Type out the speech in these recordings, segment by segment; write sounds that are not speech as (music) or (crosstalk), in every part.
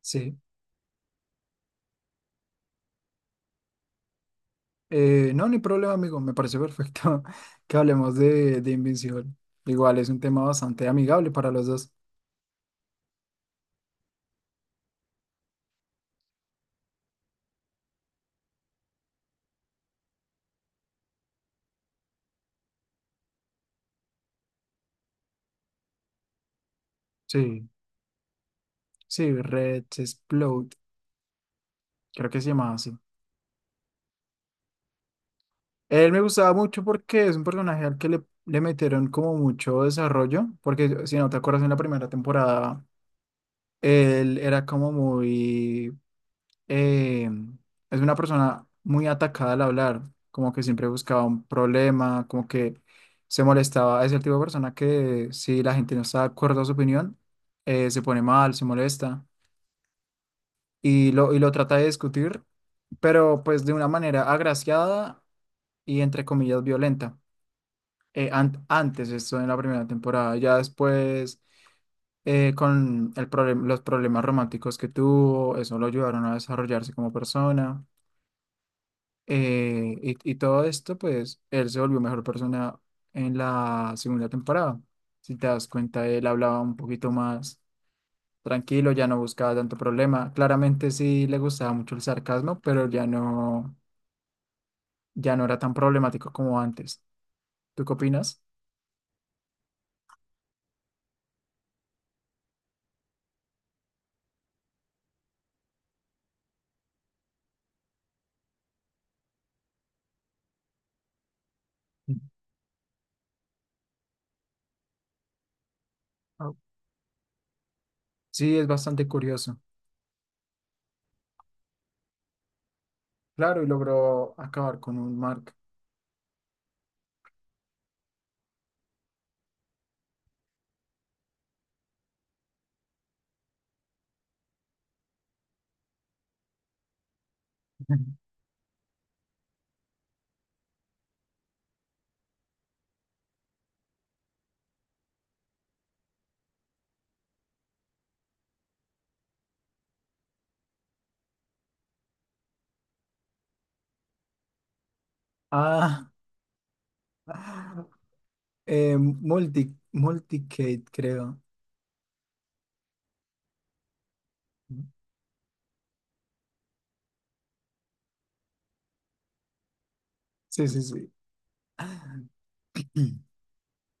Sí. No, ni problema, amigo. Me parece perfecto (laughs) que hablemos de Invincible. Igual es un tema bastante amigable para los dos. Sí, sí, Red Explode, creo que se llamaba así. Él me gustaba mucho porque es un personaje al que le metieron como mucho desarrollo, porque si no te acuerdas en la primera temporada, él era como muy eh, es una persona muy atacada al hablar, como que siempre buscaba un problema, como que se molestaba. Es el tipo de persona que si la gente no está de acuerdo a su opinión, se pone mal, se molesta y lo trata de discutir, pero pues de una manera agraciada y entre comillas violenta. Antes, esto en la primera temporada, ya después con los problemas románticos que tuvo, eso lo ayudaron a desarrollarse como persona. Y todo esto, pues, él se volvió mejor persona en la segunda temporada. Si te das cuenta, él hablaba un poquito más tranquilo, ya no buscaba tanto problema. Claramente sí le gustaba mucho el sarcasmo, pero ya no era tan problemático como antes. ¿Tú qué opinas? Mm. Ah, sí, es bastante curioso. Claro, y logró acabar con un Mark. (laughs) Ah, (laughs) Multicade, creo. Sí, sí, sí.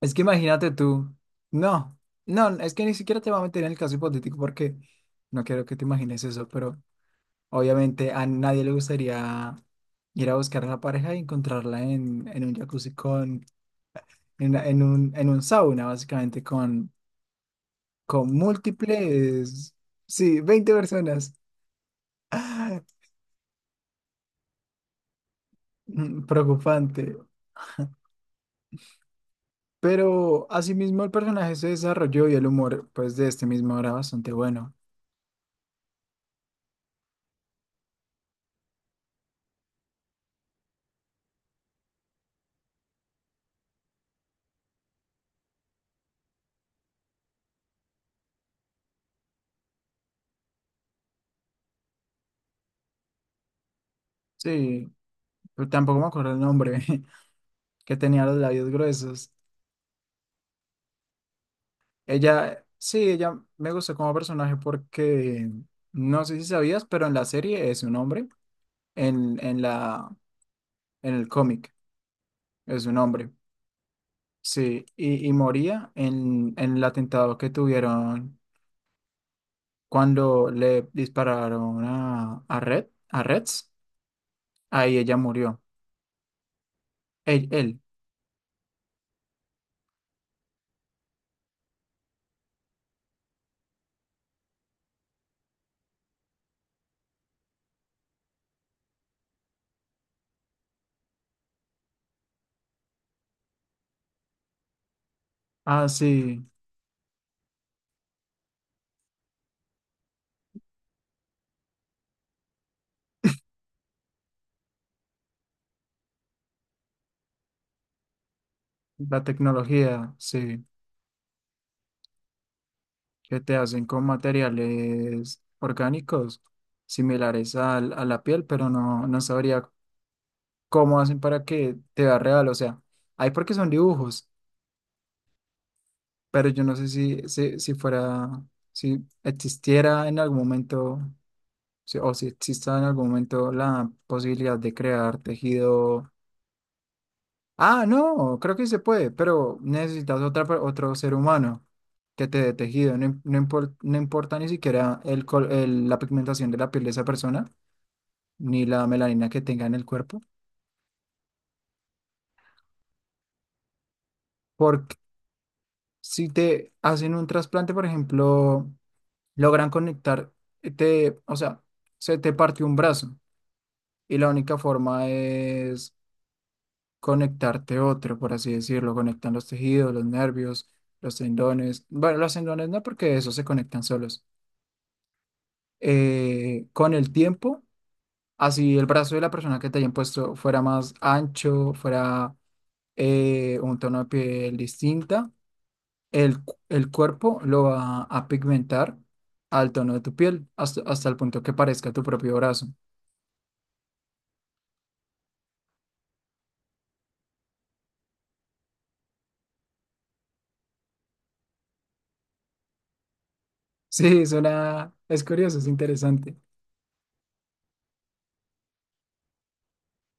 Es que imagínate tú. No, no, es que ni siquiera te voy a meter en el caso hipotético porque no quiero que te imagines eso, pero obviamente a nadie le gustaría ir a buscar a la pareja y encontrarla en un jacuzzi con, en, una- en un sauna, básicamente, con múltiples, sí, 20 personas. (laughs) Preocupante. Pero asimismo el personaje se desarrolló y el humor, pues, de este mismo era bastante bueno. Sí, pero tampoco me acuerdo el nombre. (laughs) Que tenía los labios gruesos. Ella, sí, ella me gustó como personaje porque no sé si sabías, pero en la serie es un hombre, en la, en el cómic es un hombre, sí, y moría en el atentado que tuvieron cuando le dispararon a Red, a Reds, ahí ella murió, él, él, ah, sí, la tecnología, sí. Que te hacen con materiales orgánicos similares a la piel, pero no sabría cómo hacen para que te vea real. O sea, hay porque son dibujos, pero yo no sé si fuera, si existiera en algún momento, o si exista en algún momento la posibilidad de crear tejido. Ah, no, creo que se puede, pero necesitas otro ser humano que te dé tejido. No, no importa ni siquiera la pigmentación de la piel de esa persona, ni la melanina que tenga en el cuerpo. Porque si te hacen un trasplante, por ejemplo, logran conectar, o sea, se te partió un brazo y la única forma es conectarte otro, por así decirlo. Conectan los tejidos, los nervios, los tendones. Bueno, los tendones no, porque esos se conectan solos con el tiempo, así el brazo de la persona que te hayan puesto fuera más ancho, fuera un tono de piel distinta, el cuerpo lo va a pigmentar al tono de tu piel, hasta el punto que parezca tu propio brazo. (laughs) Sí, es curioso, es interesante.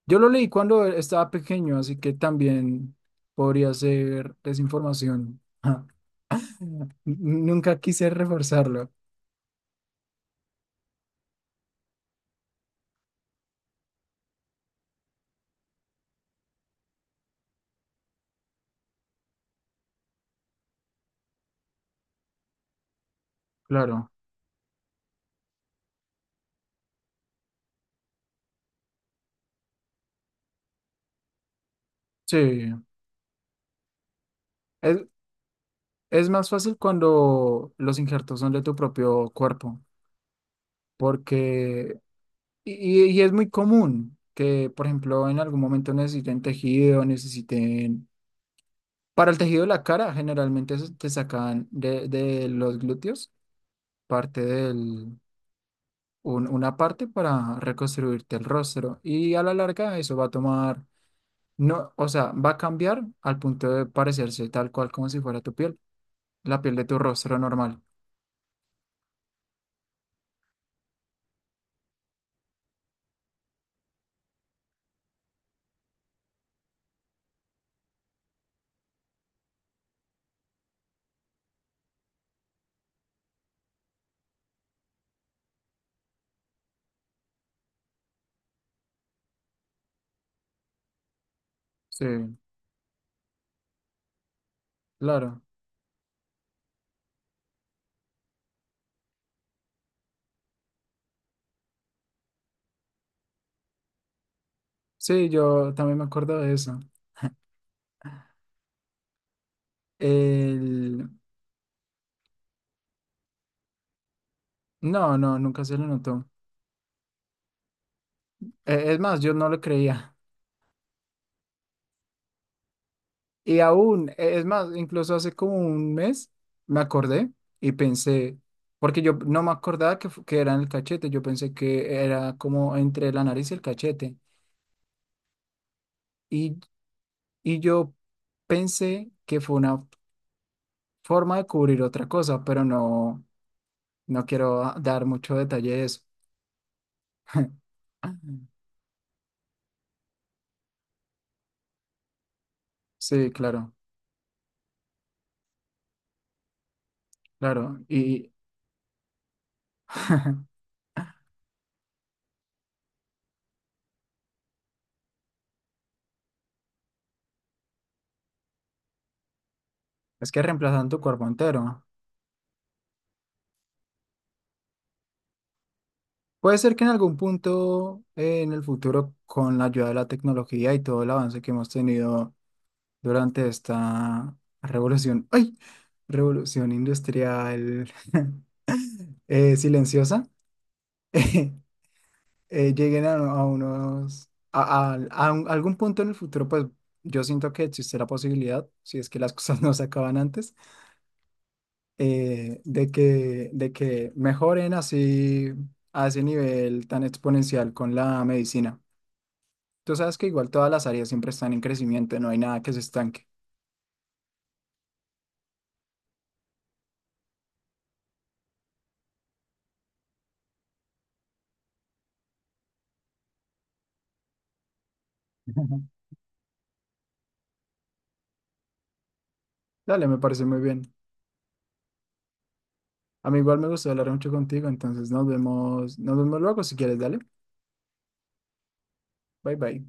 Yo lo leí cuando estaba pequeño, así que también podría ser desinformación. (laughs) Nunca quise reforzarlo, claro. Sí. Es más fácil cuando los injertos son de tu propio cuerpo, porque, y, y es muy común que, por ejemplo, en algún momento necesiten tejido, necesiten, para el tejido de la cara, generalmente eso te sacan de los glúteos, parte del, una parte para reconstruirte el rostro, y a la larga eso va a tomar, no, o sea, va a cambiar al punto de parecerse tal cual como si fuera tu piel, la piel de tu rostro normal. Sí, claro. Sí, yo también me acuerdo de eso. El. No, no, nunca se le notó. Es más, yo no lo creía. Y aún, es más, incluso hace como un mes me acordé y pensé, porque yo no me acordaba que, que era en el cachete, yo pensé que era como entre la nariz y el cachete. Y, y yo pensé que fue una forma de cubrir otra cosa, pero no, no quiero dar mucho detalle de eso. (laughs) Sí, claro, claro. Y (laughs) es que reemplazan tu cuerpo entero. Puede ser que en algún punto en el futuro, con la ayuda de la tecnología y todo el avance que hemos tenido durante esta revolución, ¡ay! Revolución industrial (laughs) silenciosa, (laughs) eh, lleguen a unos, a un- algún punto en el futuro, pues yo siento que existe la posibilidad, si es que las cosas (laughs) no se acaban antes, de que mejoren así a ese nivel tan exponencial con la medicina. Tú sabes que igual todas las áreas siempre están en crecimiento, no hay nada que se estanque. (laughs) Dale, me parece muy bien. A mí igual me gustó hablar mucho contigo, entonces nos vemos luego si quieres, dale. Bye bye.